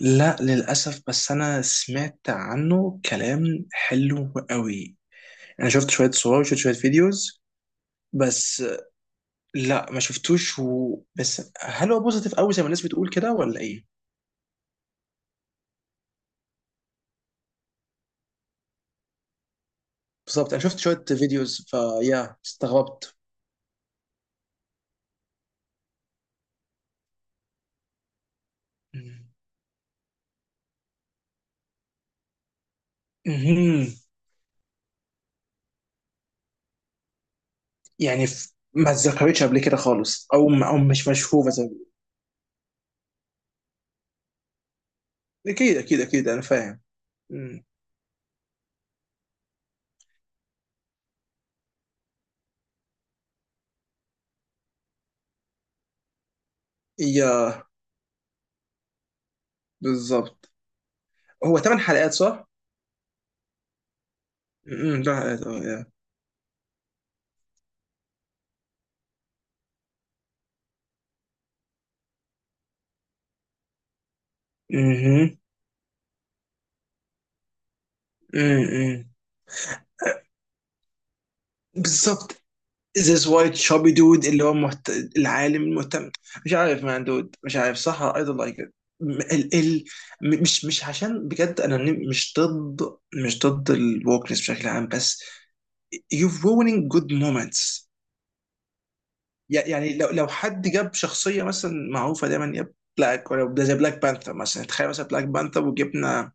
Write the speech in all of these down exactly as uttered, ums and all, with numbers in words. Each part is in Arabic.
لا للأسف، بس أنا سمعت عنه كلام حلو قوي. أنا شفت شوية صور وشفت شوية فيديوز بس. لا ما شفتوش و... بس هل هو بوزيتيف قوي زي ما الناس بتقول كده ولا إيه؟ بالظبط، أنا شفت شوية فيديوز فيا استغربت. مهم. يعني ف- ما اتذكرتش قبل كده خالص، أو أو مش مشهورة زي... أكيد أكيد أكيد أنا فاهم. مم. يا بالظبط. هو ثمان حلقات صح؟ امم ده... آه، يا. مهم. مم، مم. بالظبط. ذيس وايت شابي دود اللي هو محت... العالم المهتم، مش عارف مان دود، مش عارف صح، اي دونت لايك ات. ال ال م- مش مش عشان بجد انا، ن- مش ضد، مش ضد الوكنس بشكل عام، بس يو ruining جود مومنتس. يعني لو لو حد جاب شخصيه مثلا معروفه دايما يا بلاك، ولا ده زي بلاك بانثر مثلا. تخيل مثلا بلاك بانثر وجبنا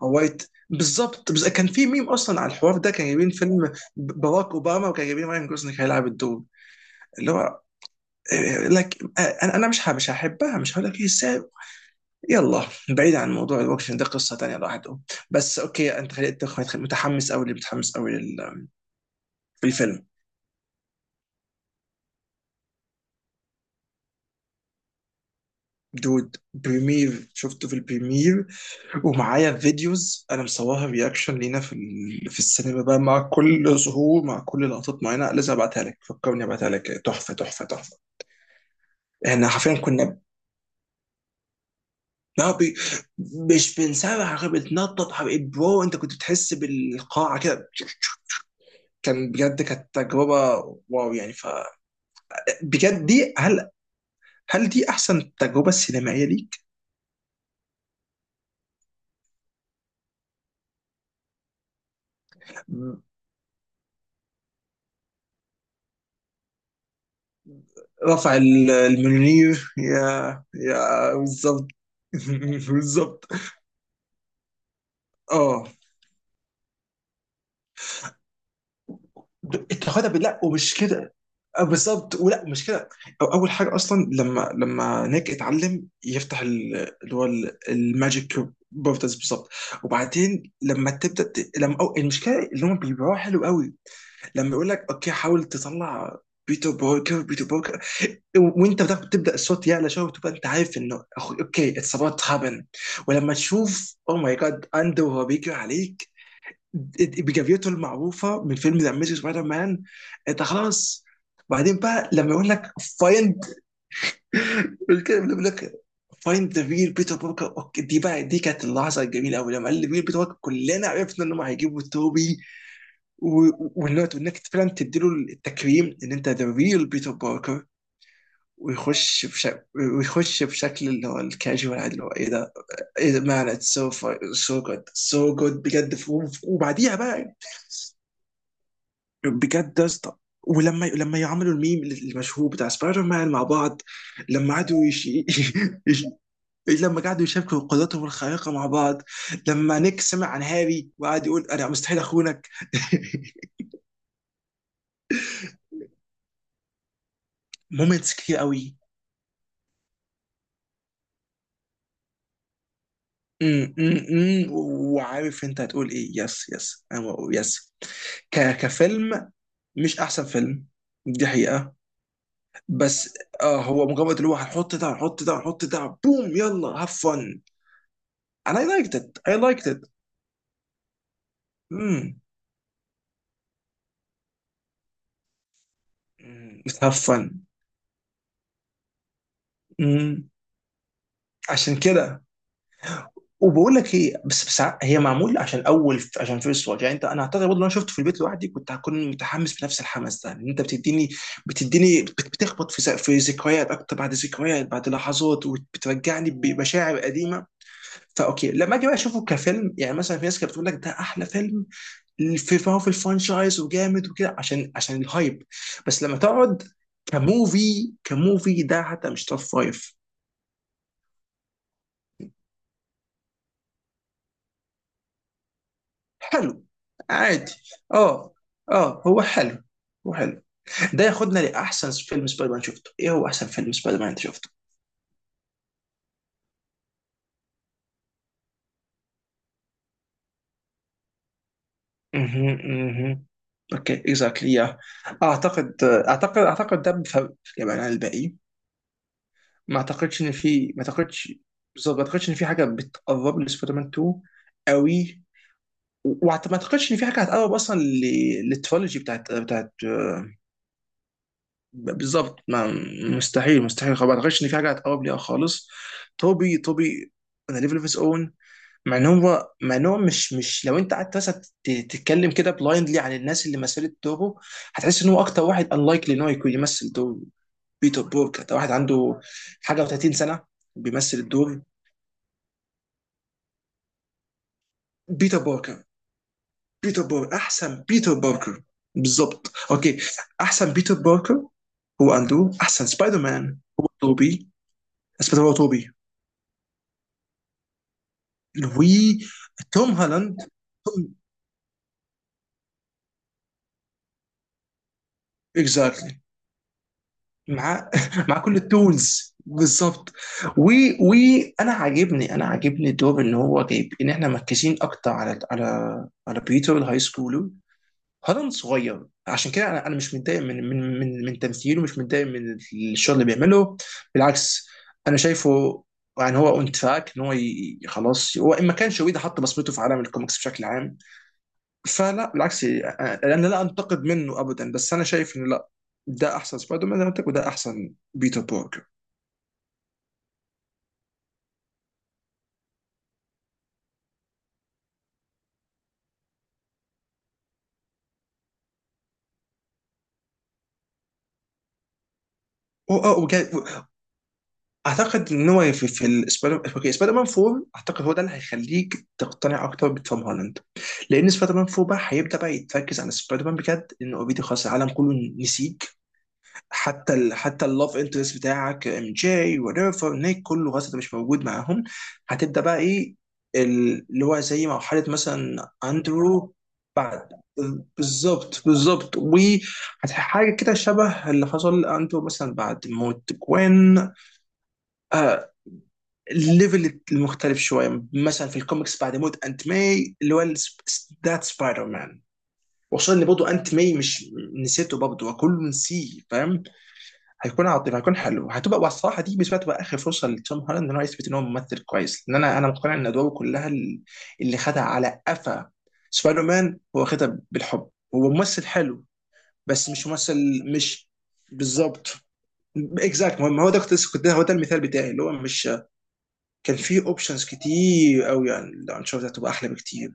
وايت، بالظبط. بس كان في ميم اصلا على الحوار ده، كان جايبين فيلم ب- باراك اوباما، وكان جايبين ماين جوزنك هيلعب الدور اللي هو... لك انا، انا مش ه- مش هحبها، مش هقول لك ايه ازاي. يلا بعيد عن موضوع الوكشن ده، قصه تانيه لوحده. بس اوكي، انت خليت متحمس قوي، متحمس قوي للفيلم. دود، بريمير شفته في البريمير، ومعايا فيديوز انا مصورها رياكشن لينا في ال- في السينما بقى، مع كل ظهور، مع كل لقطات معينه، لازم ابعتها لك. فكرني ابعتها لك، تحفه تحفه تحفه. احنا حرفيا كنا ما بي، مش بنسرح غير بنتنطط. حبيبي برو، انت كنت بتحس بالقاعه كده. كان بجد كانت تجربة، واو، يعني ف- بجد دي، هل، هل دي أحسن تجربة سينمائية ليك؟ رفع ال- المنير، يا يا، بالظبط. بالظبط. اه، د- انت خدها بالله ومش كده، آه، بالظبط، ولا مش كده. أو اول حاجه اصلا، لما لما نيك اتعلم يفتح ال- اللي هو ال- الماجيك، بورتالز، بالظبط. وبعدين لما تبدا ت- لما أو المشكله اللي هم بيبيعوها حلو قوي، لما يقول لك اوكي حاول تطلع، بيتر بوركر بيتر بوركر، و- وانت بتاخد تبدا الصوت يعلى شويه، وتبقى انت عارف انه أخ- اوكي اتس اباوت هابن. ولما تشوف او ماي جاد اندو وهو بيجري عليك ب- بجريته المعروفه من فيلم ذا اميزنج سبايدر مان، انت خلاص. بعدين بقى لما يقول لك فايند، الكلمه اللي بيقول لك فايند ذا ريل بيتر بوركر، اوكي، دي بقى دي كانت اللحظه الجميله قوي. لما قال لي ريل بيتر بوركر، كلنا عرفنا انهم هيجيبوا توبي. و- والنوت، وانك فعلا تديله التكريم ان انت ذا ريل بيتر باركر. ويخش بشكل ويخش بشكل اللي هو الكاجوال عادي، اللي هو ايه ده، ايه ده مان، اتس سو، سو جود سو جود بجد ف-. وبعديها بقى، بجد يا اسطى. ولما لما يعملوا الميم المشهور بتاع سبايدر مان مع بعض. لما قعدوا يش... يش... لما قعدوا يشاركوا قدراتهم الخارقه مع بعض. لما نيك سمع عن هاري وقعد يقول انا مستحيل اخونك. مومنتس كتير قوي. امم امم وعارف انت هتقول ايه، يس يس، انا بقول يس. ك كفيلم، مش احسن فيلم، دي حقيقة. بس اه هو مجرد اللي هو هنحط ده، هنحط ده، هنحط ده، بوم يلا هاف فن and I liked it I liked it. امم امم have fun. امم، عشان كده. وبقول لك ايه، بس بس ع- هي معمول عشان اول، عشان فيرست واتش. يعني انت، انا اعتقد برضه لو انا شفته في البيت لوحدي كنت هكون متحمس بنفس الحماس ده، ان انت بتديني، بتديني بت- بتخبط في س- في ذكريات اكتر، بعد ذكريات، بعد لحظات، وبترجعني بمشاعر قديمه. فاوكي، لما اجي بقى اشوفه كفيلم، يعني مثلا في ناس كانت بتقول لك ده احلى فيلم في في الفرانشايز، وجامد وكده، عشان عشان الهايب. بس لما تقعد كموفي، كموفي ده حتى مش توب فايف. حلو، عادي، اه، اه هو حلو، هو حلو. ده ياخدنا لاحسن فيلم سبايدر مان شفته. ايه هو احسن فيلم سبايدر مان انت شفته؟ اها اها، اوكي اكزاكتلي، يا. اعتقد اعتقد اعتقد ده بفرق يعني عن الباقي. ما اعتقدش ان في ما اعتقدش. بالظبط، ما اعتقدش ان في حاجه بتقرب لسبايدر مان اتنين قوي. وما اعتقدش ان في حاجه هتقرب اصلا للترولوجي بتاعت بتاعت بالظبط ما مستحيل مستحيل خلاص. ما اعتقدش ان في حاجه هتقرب ليها خالص. توبي توبي انا ليفل اوف اون. مع ان هم مع ان هو مش مش لو انت قعدت مثلا ت- تتكلم كده بلايندلي عن الناس اللي مثلت توبو، هتحس ان هو اكتر واحد انلايكلي ان هو يكون يمثل دور بيتر بوركر. ده واحد عنده حاجه وتلاتين سنة بيمثل الدور. بيتر بوركر بيتر بوركر احسن بيتر بوركر. بالظبط اوكي، احسن بيتر بوركر هو اندرو. احسن سبايدر مان هو توبي، سبايدر مان هو توبي. وتوم هالاند اكزاكتلي، مع مع كل التولز بالظبط. و وانا عاجبني انا عاجبني دور ان هو جايب ان احنا مركزين اكتر على على على بيتر الهاي سكول. هالاند صغير عشان كده انا، انا مش متضايق من من من من تمثيله، مش متضايق من الشغل اللي بيعمله، بالعكس. انا شايفه يعني هو اون تراك ان هو ي- خلاص هو ان ما كانش ويدا حط بصمته في عالم الكوميكس بشكل عام. فلا، بالعكس، يعني انا لا انتقد منه ابدا، بس انا شايف انه لا، ده احسن سبايدر مان زي ما قلت لك، وده احسن بيتر باركر. و- آه، وجا- و- اعتقد ان هو في في السبايدر اوكي سبايدر مان اربع، اعتقد هو ده اللي هيخليك تقتنع اكتر بتوم هولاند. لان سبايدر مان اربعه بقى هيبدا بقى يتركز على سبايدر مان بجد، لان اوريدي خلاص العالم كله نسيك. حتى ال حتى اللاف انترست بتاعك ام جي وريفر نيك، كله خلاص انت مش موجود معاهم. هتبدا بقى ايه ال- اللي هو زي مرحله مثلا اندرو بعد. بالظبط، بالظبط، وحاجه كده شبه اللي حصل لاندرو مثلا بعد موت جوين. آه، الليفل المختلف شويه مثلا في الكوميكس بعد موت انت ماي اللي هو ذات سبايدر مان. وصلني برضه انت ماي مش نسيته برضه وكله نسيه، فاهم. هيكون عاطفي، هيكون حلو، هتبقى. والصراحه دي بالنسبه لي تبقى اخر فرصه لتوم هولاند ان هو يثبت ان هو ممثل كويس. لان انا، انا مقتنع ان ادواره كلها ال- اللي خدها على قفا. سبايدر مان هو خدها بالحب. هو ممثل حلو، بس مش ممثل، مش... بالظبط، اكزاكت، هو ده كنت لسه- كنت ده هو ده المثال بتاعي اللي هو مش. كان في اوبشنز كتير قوي يعني، لو هنشوف ده هتبقى احلى بكتير.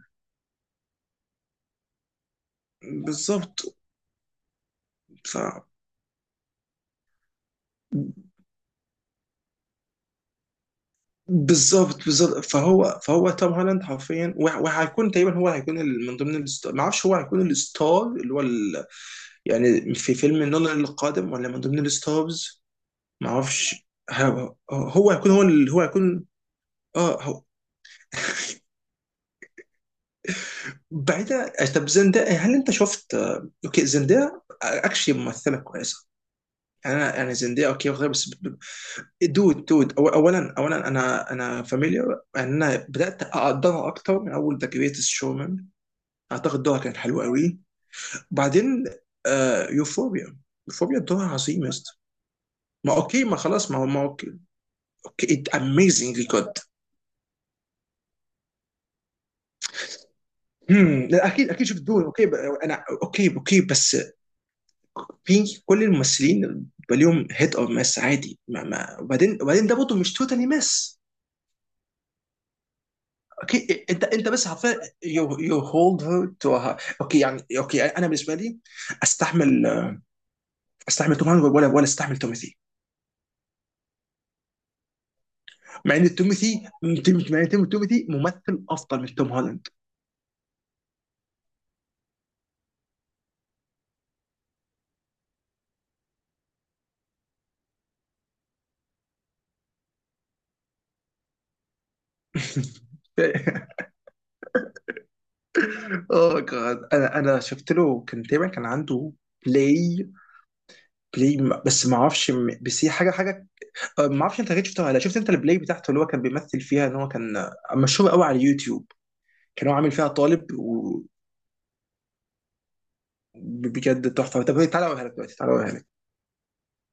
بالظبط ف، بالظبط بالظبط فهو فهو توم هولاند حرفيا، وه- وهيكون تقريبا هو هيكون ال- من ضمن الستار. ما اعرفش هو هيكون الستار اللي هو ال... يعني في فيلم نولان القادم، ولا من ضمن الستارز ما اعرفش. هو هو هيكون هو ال... هو هيكون اه، هو. بعيدا طب، زندايا، هل انت شفت آه، اوكي، زندايا اكشلي ممثله كويسه. يعني انا يعني زندايا اوكي واخدها، بس ب- ب- دود، دود، أو اولا اولا انا، انا فاميليار. يعني انا بدات اقدرها اكتر من اول ذا جريتست شومان، اعتقد دورها كانت حلوه قوي. وبعدين آه يوفوريا، يوفوريا دورها عظيم يا اسطى. ما اوكي، ما خلاص، ما هو ما اوكي، اوكي اميزنجلي جود. لا اكيد اكيد شفت دون. اوكي، ب- انا اوكي، اوكي، بس في كل الممثلين بيبقى ليهم هيت اور مس عادي. ما ما وبعدين وبعدين ده برضه مش توتالي مس. اوكي انت، انت بس حرفيا، يو يو هولد هير تو. اوكي يعني، اوكي انا بالنسبه لي استحمل، استحمل توم هانكس، ولا ولا استحمل توماثي. مع ان تومثي، مع ان تيم- تومثي ممثل افضل من توم هولاند. اوه جاد، انا، انا شفت له كان تقريبا كان عنده بلاي، بلاي م- بس ما اعرفش، م- بس هي حاجه، حاجه. آه، ما اعرفش انت جيت شفتها ولا لا. شفت انت البلاي بتاعته اللي هو كان بيمثل فيها ان هو كان آه، مشهور قوي على اليوتيوب، كان هو عامل فيها طالب و... بجد تحفه. طب تعالى اوريها لك دلوقتي، تعالى اوريها لك.